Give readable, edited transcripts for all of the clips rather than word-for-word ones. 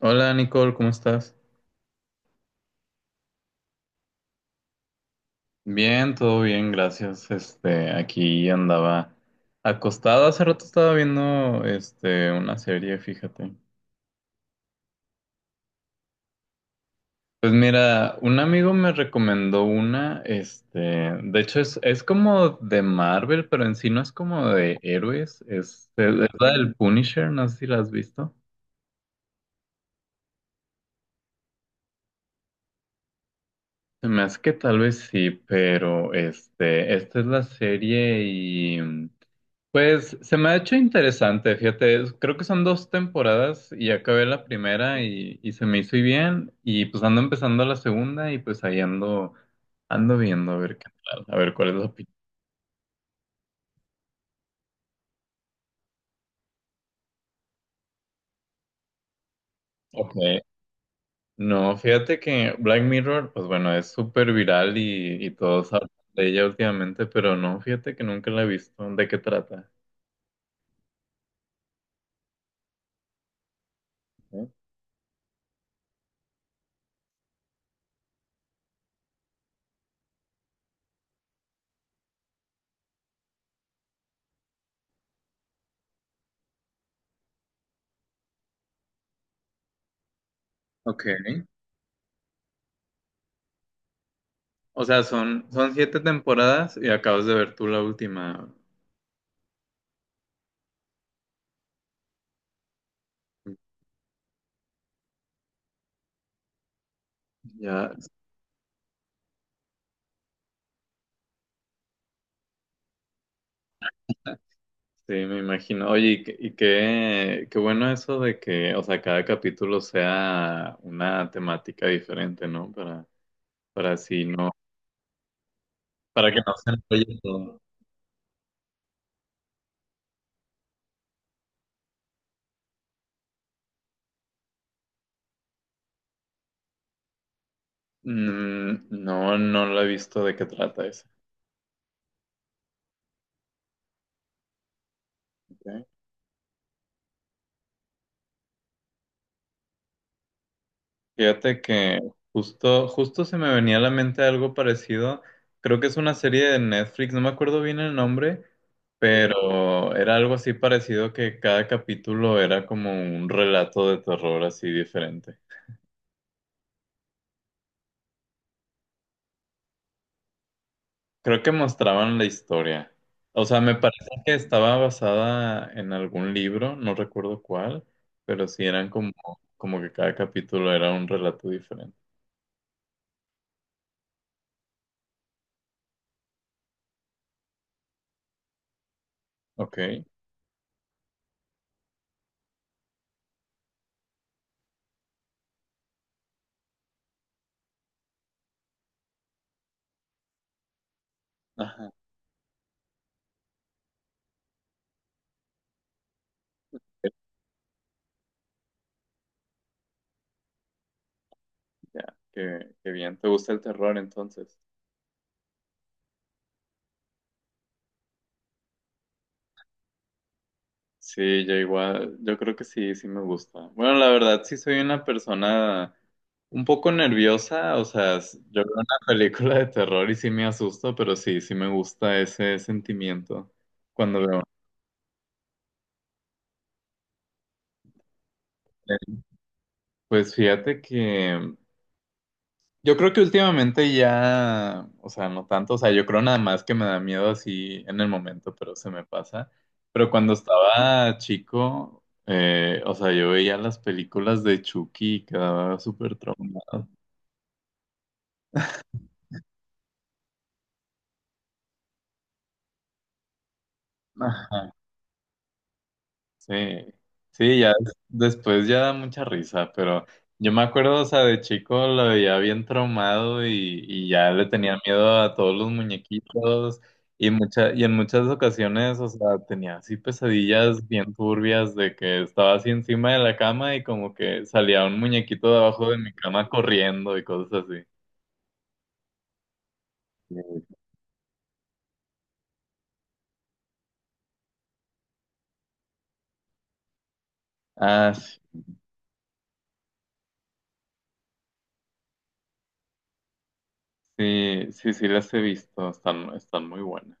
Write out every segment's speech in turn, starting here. Hola Nicole, ¿cómo estás? Bien, todo bien, gracias. Aquí andaba acostado. Hace rato estaba viendo, una serie, fíjate. Pues mira, un amigo me recomendó una, de hecho es como de Marvel, pero en sí no es como de héroes, es la del Punisher, no sé si la has visto. Se me hace que tal vez sí, pero esta es la serie y. Pues se me ha hecho interesante, fíjate, creo que son dos temporadas y acabé la primera y se me hizo y bien y pues ando empezando la segunda y pues ahí ando viendo a ver qué tal, a ver cuál es la opinión. Ok. No, fíjate que Black Mirror, pues bueno, es súper viral y todos hablan de ella últimamente, pero no, fíjate que nunca la he visto, ¿de qué trata? ¿Eh? Ok, o sea, son siete temporadas y acabas de ver tú la última. Ya. Sí, me imagino. Oye, y qué bueno eso de que, o sea, cada capítulo sea una temática diferente, ¿no? Para así no, para que no se enrolle todo. Mm, no, no lo he visto de qué trata ese. Ok. Fíjate que justo se me venía a la mente algo parecido. Creo que es una serie de Netflix, no me acuerdo bien el nombre, pero era algo así parecido que cada capítulo era como un relato de terror así diferente. Creo que mostraban la historia. O sea, me parece que estaba basada en algún libro, no recuerdo cuál, pero sí eran como que cada capítulo era un relato diferente. Ok. Ajá. Ya, qué bien. ¿Te gusta el terror entonces? Sí, yo igual, yo creo que sí me gusta. Bueno, la verdad sí soy una persona un poco nerviosa, o sea, yo veo una película de terror y sí me asusto, pero sí me gusta ese sentimiento cuando veo. Pues fíjate que yo creo que últimamente ya, o sea, no tanto, o sea, yo creo nada más que me da miedo así en el momento, pero se me pasa. Pero cuando estaba chico, o sea, yo veía las películas de Chucky y quedaba súper traumado. Ajá. Sí, sí, ya después ya da mucha risa, pero yo me acuerdo, o sea, de chico lo veía bien traumado y ya le tenía miedo a todos los muñequitos y en muchas ocasiones, o sea, tenía así pesadillas bien turbias de que estaba así encima de la cama y como que salía un muñequito de abajo de mi cama corriendo y cosas así. Sí. Ah, sí, sí, sí, sí las he visto, están muy buenas.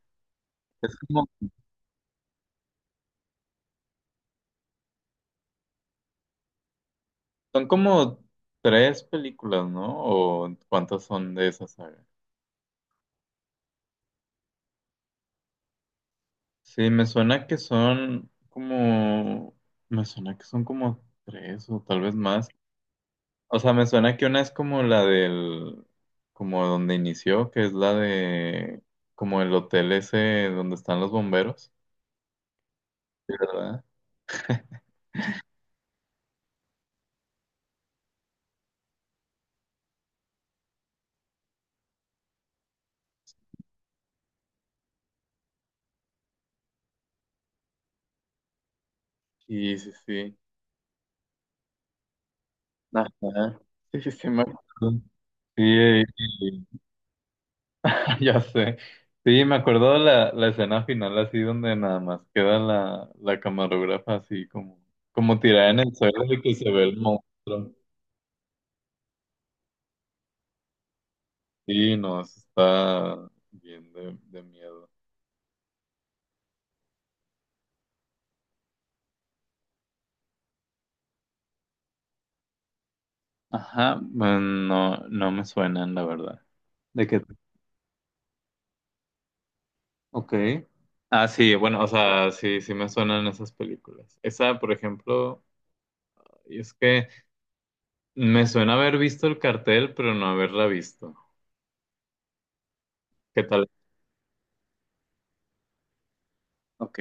Son como tres películas, ¿no? ¿O cuántas son de esa saga? Sí, me suena que son como tres o tal vez más. O sea, me suena que una es como la del, como donde inició, que es la de, como el hotel ese donde están los bomberos. Sí, ¿verdad? Sí, sí, sí. Ajá. Sí, sí, sí, me acuerdo. Sí, y- Ya sé. Sí, me acuerdo la escena final así donde nada más queda la camarógrafa así como tirada en el suelo de que se ve el monstruo. Sí, no, eso está bien de miedo. Ajá, bueno, no, no me suenan, la verdad. ¿De qué? Ok. Ah, sí, bueno, o sea, sí me suenan esas películas. Esa, por ejemplo, y es que me suena haber visto el cartel, pero no haberla visto. ¿Qué tal? Ok.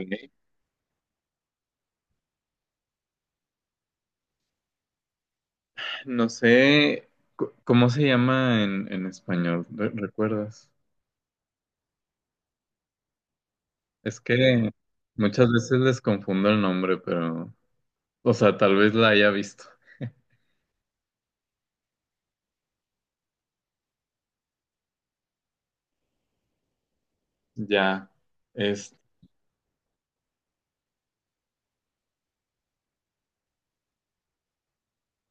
No sé cómo se llama en español. ¿Recuerdas? Es que muchas veces les confundo el nombre, pero, o sea, tal vez la haya visto. Ya, es,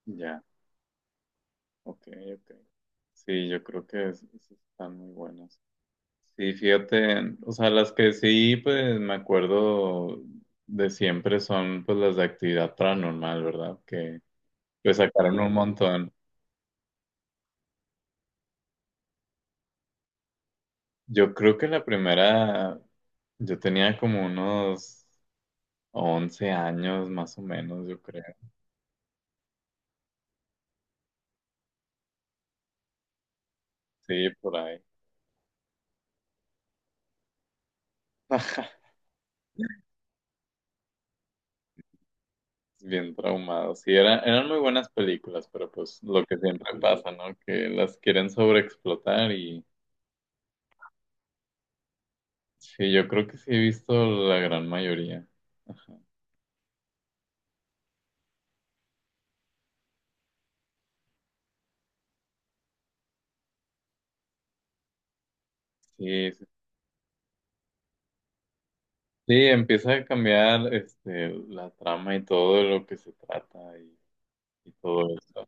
ya, ok, ok. Sí, yo creo que están muy buenas. Sí, fíjate, o sea, las que sí, pues me acuerdo de siempre son pues las de actividad paranormal, ¿verdad? Que pues sacaron un montón. Yo creo que la primera, yo tenía como unos 11 años más o menos, yo creo. Sí, por ahí. Bien traumado. Sí, eran muy buenas películas, pero pues lo que siempre pasa, ¿no? Que las quieren sobreexplotar y sí, yo creo que sí he visto la gran mayoría. Ajá. Sí, sí. Sí, empieza a cambiar la trama y todo de lo que se trata y todo eso.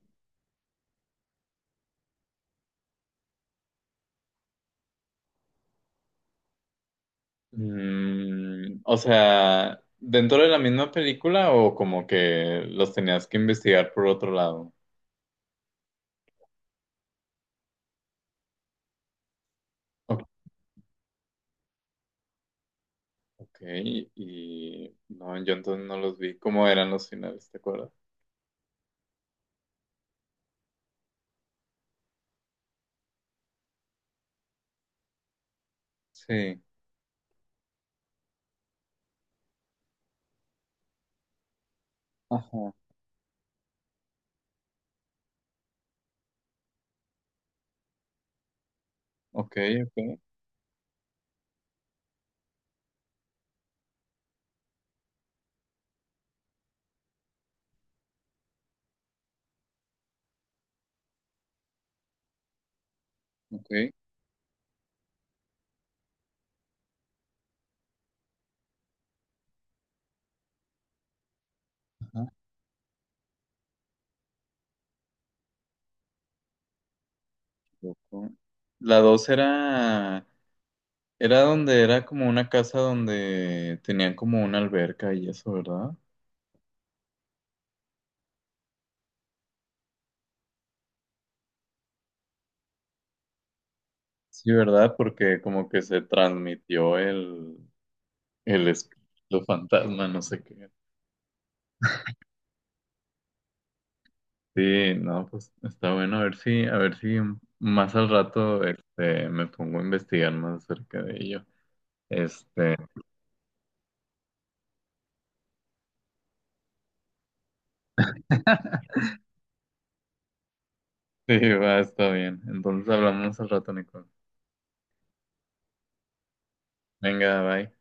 Mm, o sea, ¿dentro de la misma película o como que los tenías que investigar por otro lado? O- Ok, y no, yo entonces no los vi. ¿Cómo eran los finales, te acuerdas? Sí. Ajá. Ok, ok, ok. Ajá. Loco. La dos era donde era como una casa donde tenían como una alberca y eso, ¿verdad? Sí, ¿verdad? Porque como que se transmitió el espíritu fantasma, no sé qué. Sí, no, pues está bueno, a ver si más al rato me pongo a investigar más acerca de ello. Este, sí, va, está bien. Entonces hablamos al rato, Nico. Venga, bye.